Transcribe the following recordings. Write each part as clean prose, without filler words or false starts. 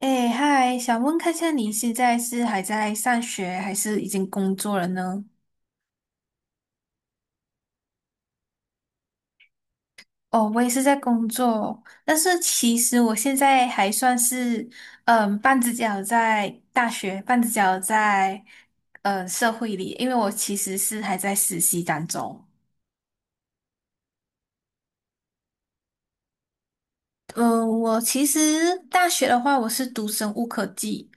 哎，嗨，想问看一下你现在是还在上学，还是已经工作了呢？哦，我也是在工作，但是其实我现在还算是，嗯，半只脚在大学，半只脚在，社会里，因为我其实是还在实习当中。嗯，我其实大学的话，我是读生物科技，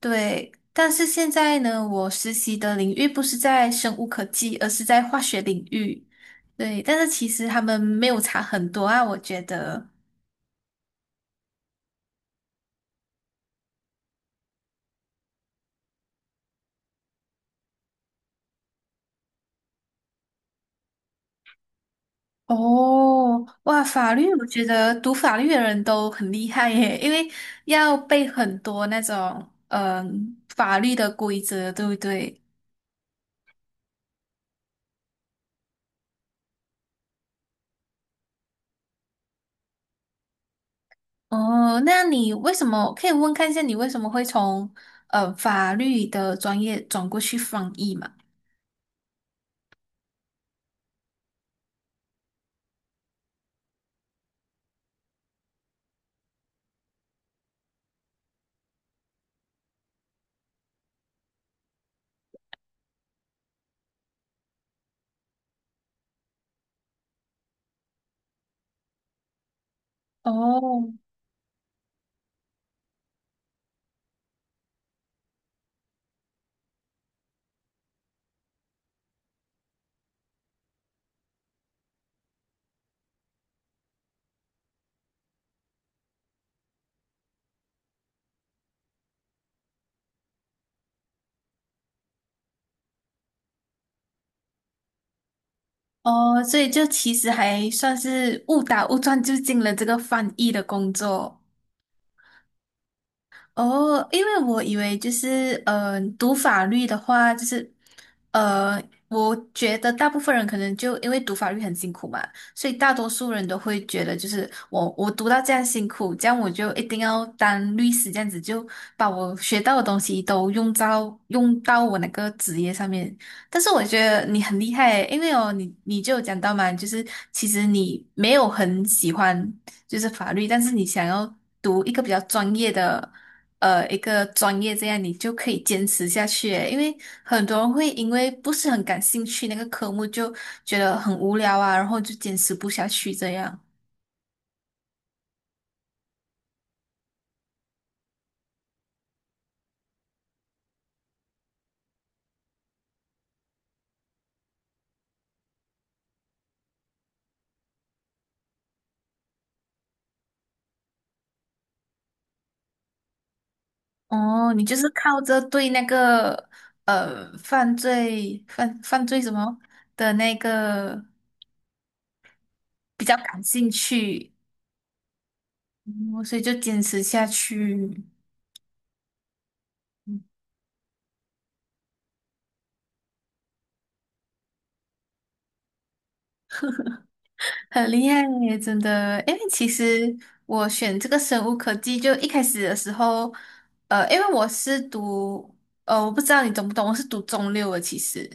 对。但是现在呢，我实习的领域不是在生物科技，而是在化学领域。对，但是其实他们没有差很多啊，我觉得。哦，哇，法律，我觉得读法律的人都很厉害耶，因为要背很多那种法律的规则，对不对？哦，那你为什么可以问看一下你为什么会从法律的专业转过去翻译嘛？哦哦，所以就其实还算是误打误撞就进了这个翻译的工作。哦，因为我以为就是，读法律的话，就是，呃，我觉得大部分人可能就因为读法律很辛苦嘛，所以大多数人都会觉得，就是我读到这样辛苦，这样我就一定要当律师，这样子就把我学到的东西都用到我那个职业上面。但是我觉得你很厉害，因为哦，你就有讲到嘛，就是其实你没有很喜欢就是法律，但是你想要读一个比较专业的。一个专业，这样你就可以坚持下去诶因为很多人会因为不是很感兴趣那个科目，就觉得很无聊啊，然后就坚持不下去这样。哦，你就是靠着对那个犯罪什么的那个比较感兴趣，嗯所以就坚持下去。很厉害耶，真的。因为其实我选这个生物科技，就一开始的时候，因为我是读，我不知道你懂不懂，我是读中六的，其实。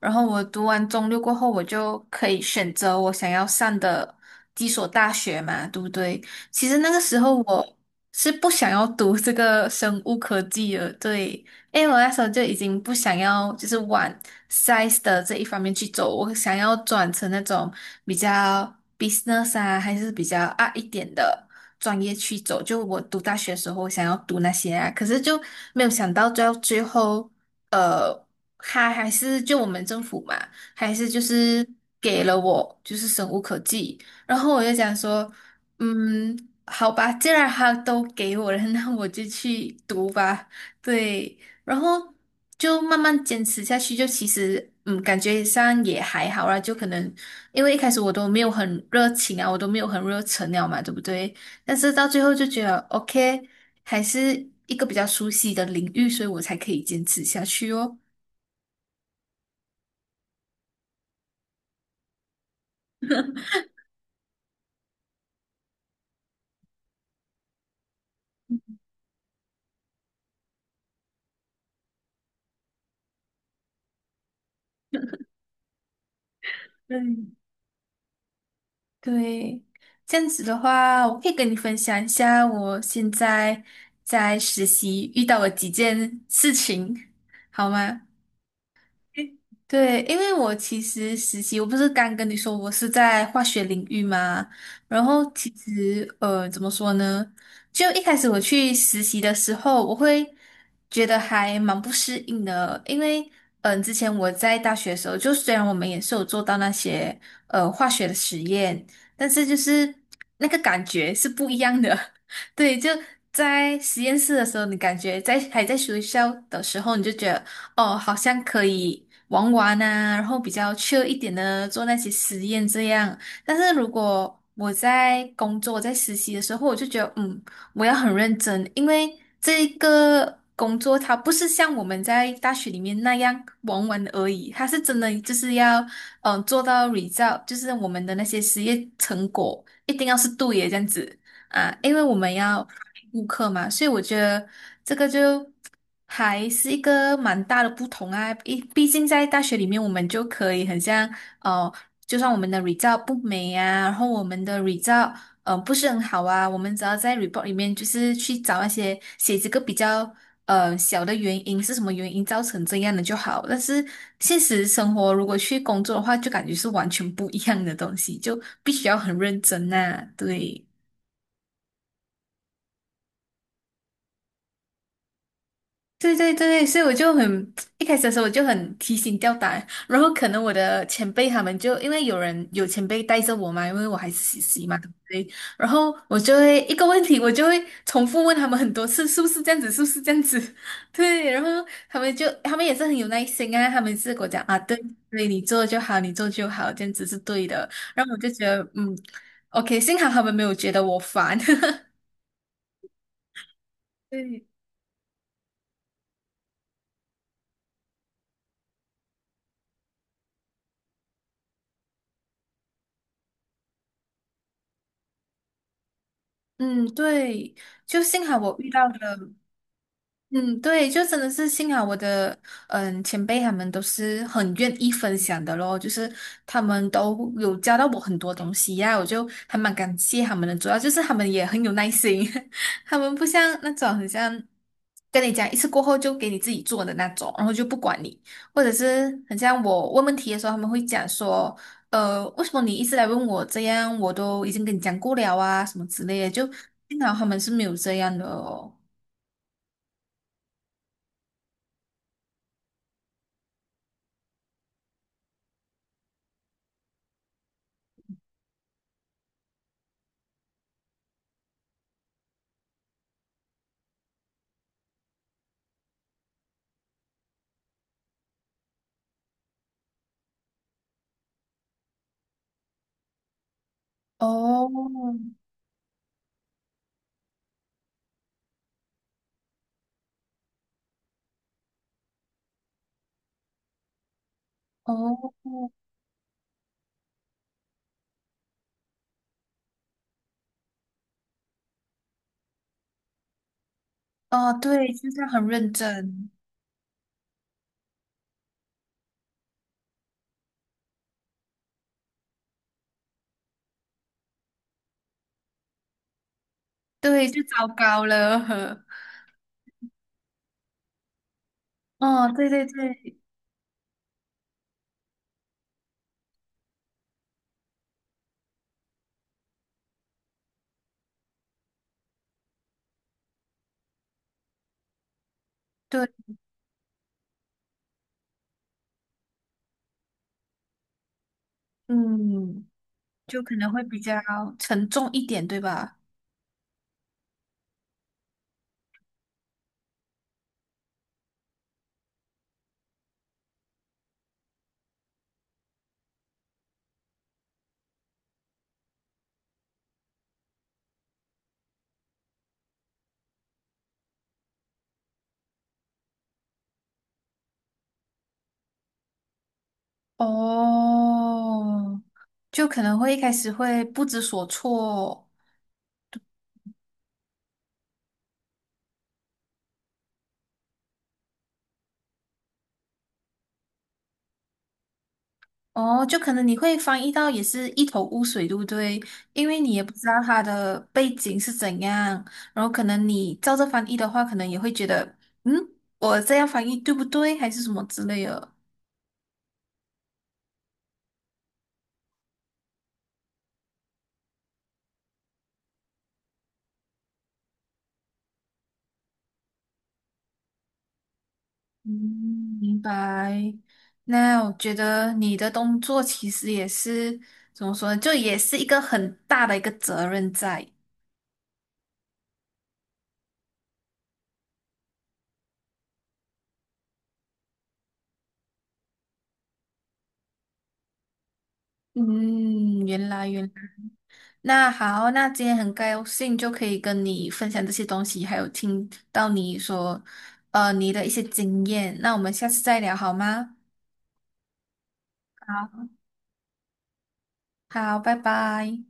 然后我读完中六过后，我就可以选择我想要上的几所大学嘛，对不对？其实那个时候我是不想要读这个生物科技的，对。因为我那时候就已经不想要，就是往 size 的这一方面去走，我想要转成那种比较 business 啊，还是比较啊一点的专业去走。就我读大学的时候，我想要读那些啊，可是就没有想到，到最后，呃，他还是就我们政府嘛，还是就是给了我就是生无可技，然后我就想说。嗯，好吧，既然他都给我了，那我就去读吧。对，然后就慢慢坚持下去，就其实嗯，感觉上也还好啦。就可能因为一开始我都没有很热情啊，我都没有很热忱了嘛，对不对？但是到最后就觉得 OK，还是一个比较熟悉的领域，所以我才可以坚持下去哦。嗯，对，这样子的话，我可以跟你分享一下我现在在实习遇到的几件事情，好吗？对，因为我其实实习，我不是刚跟你说我是在化学领域嘛，然后其实怎么说呢？就一开始我去实习的时候，我会觉得还蛮不适应的，因为之前我在大学的时候，就虽然我们也是有做到那些化学的实验，但是就是那个感觉是不一样的。对，就在实验室的时候，你感觉在还在学校的时候，你就觉得。哦，好像可以玩玩啊，然后比较 c 一点的做那些实验这样。但是如果我在工作、在实习的时候，我就觉得，嗯，我要很认真，因为这个工作它不是像我们在大学里面那样玩玩而已，它是真的就是要，嗯，做到 result，就是我们的那些实验成果一定要是对的这样子啊，因为我们要顾客嘛，所以我觉得这个就还是一个蛮大的不同啊。毕竟在大学里面，我们就可以很像哦，就算我们的 result 不美啊，然后我们的 result 不是很好啊，我们只要在 report 里面就是去找那些写这个比较小的原因是什么原因造成这样的就好。但是现实生活如果去工作的话，就感觉是完全不一样的东西，就必须要很认真呐、对。对对对，所以我就很 一开始的时候我就很提心吊胆，然后可能我的前辈他们就因为有人有前辈带着我嘛，因为我还是实习嘛，对不对？然后我就会一个问题，我就会重复问他们很多次，是不是这样子，是不是这样子？对，然后他们也是很有耐心啊，他们是跟我讲啊，对对，你做就好，你做就好，这样子是对的。然后我就觉得嗯，OK，幸好他们没有觉得我烦。对，嗯，对，就幸好我遇到了。嗯，对，就真的是幸好我的嗯前辈他们都是很愿意分享的咯，就是他们都有教到我很多东西呀、我就还蛮感谢他们的，主要就是他们也很有耐心，他们不像那种很像跟你讲一次过后就给你自己做的那种，然后就不管你，或者是很像我问问题的时候，他们会讲说，为什么你一直来问我这样，我都已经跟你讲过了啊，什么之类的，就幸好他们是没有这样的哦。哦，哦，哦，对，就是他很认真，对，就糟糕了。哦，对对对对，嗯，就可能会比较沉重一点，对吧？哦，就可能会一开始会不知所措，哦，就可能你会翻译到也是一头雾水，对不对？因为你也不知道它的背景是怎样，然后可能你照着翻译的话，可能也会觉得，嗯，我这样翻译对不对，还是什么之类的。嗯，明白。那我觉得你的工作其实也是怎么说呢，就也是一个很大的一个责任在。嗯，原来原来那好，那今天很高兴就可以跟你分享这些东西，还有听到你说，你的一些经验。那我们下次再聊好吗？好，好，拜拜。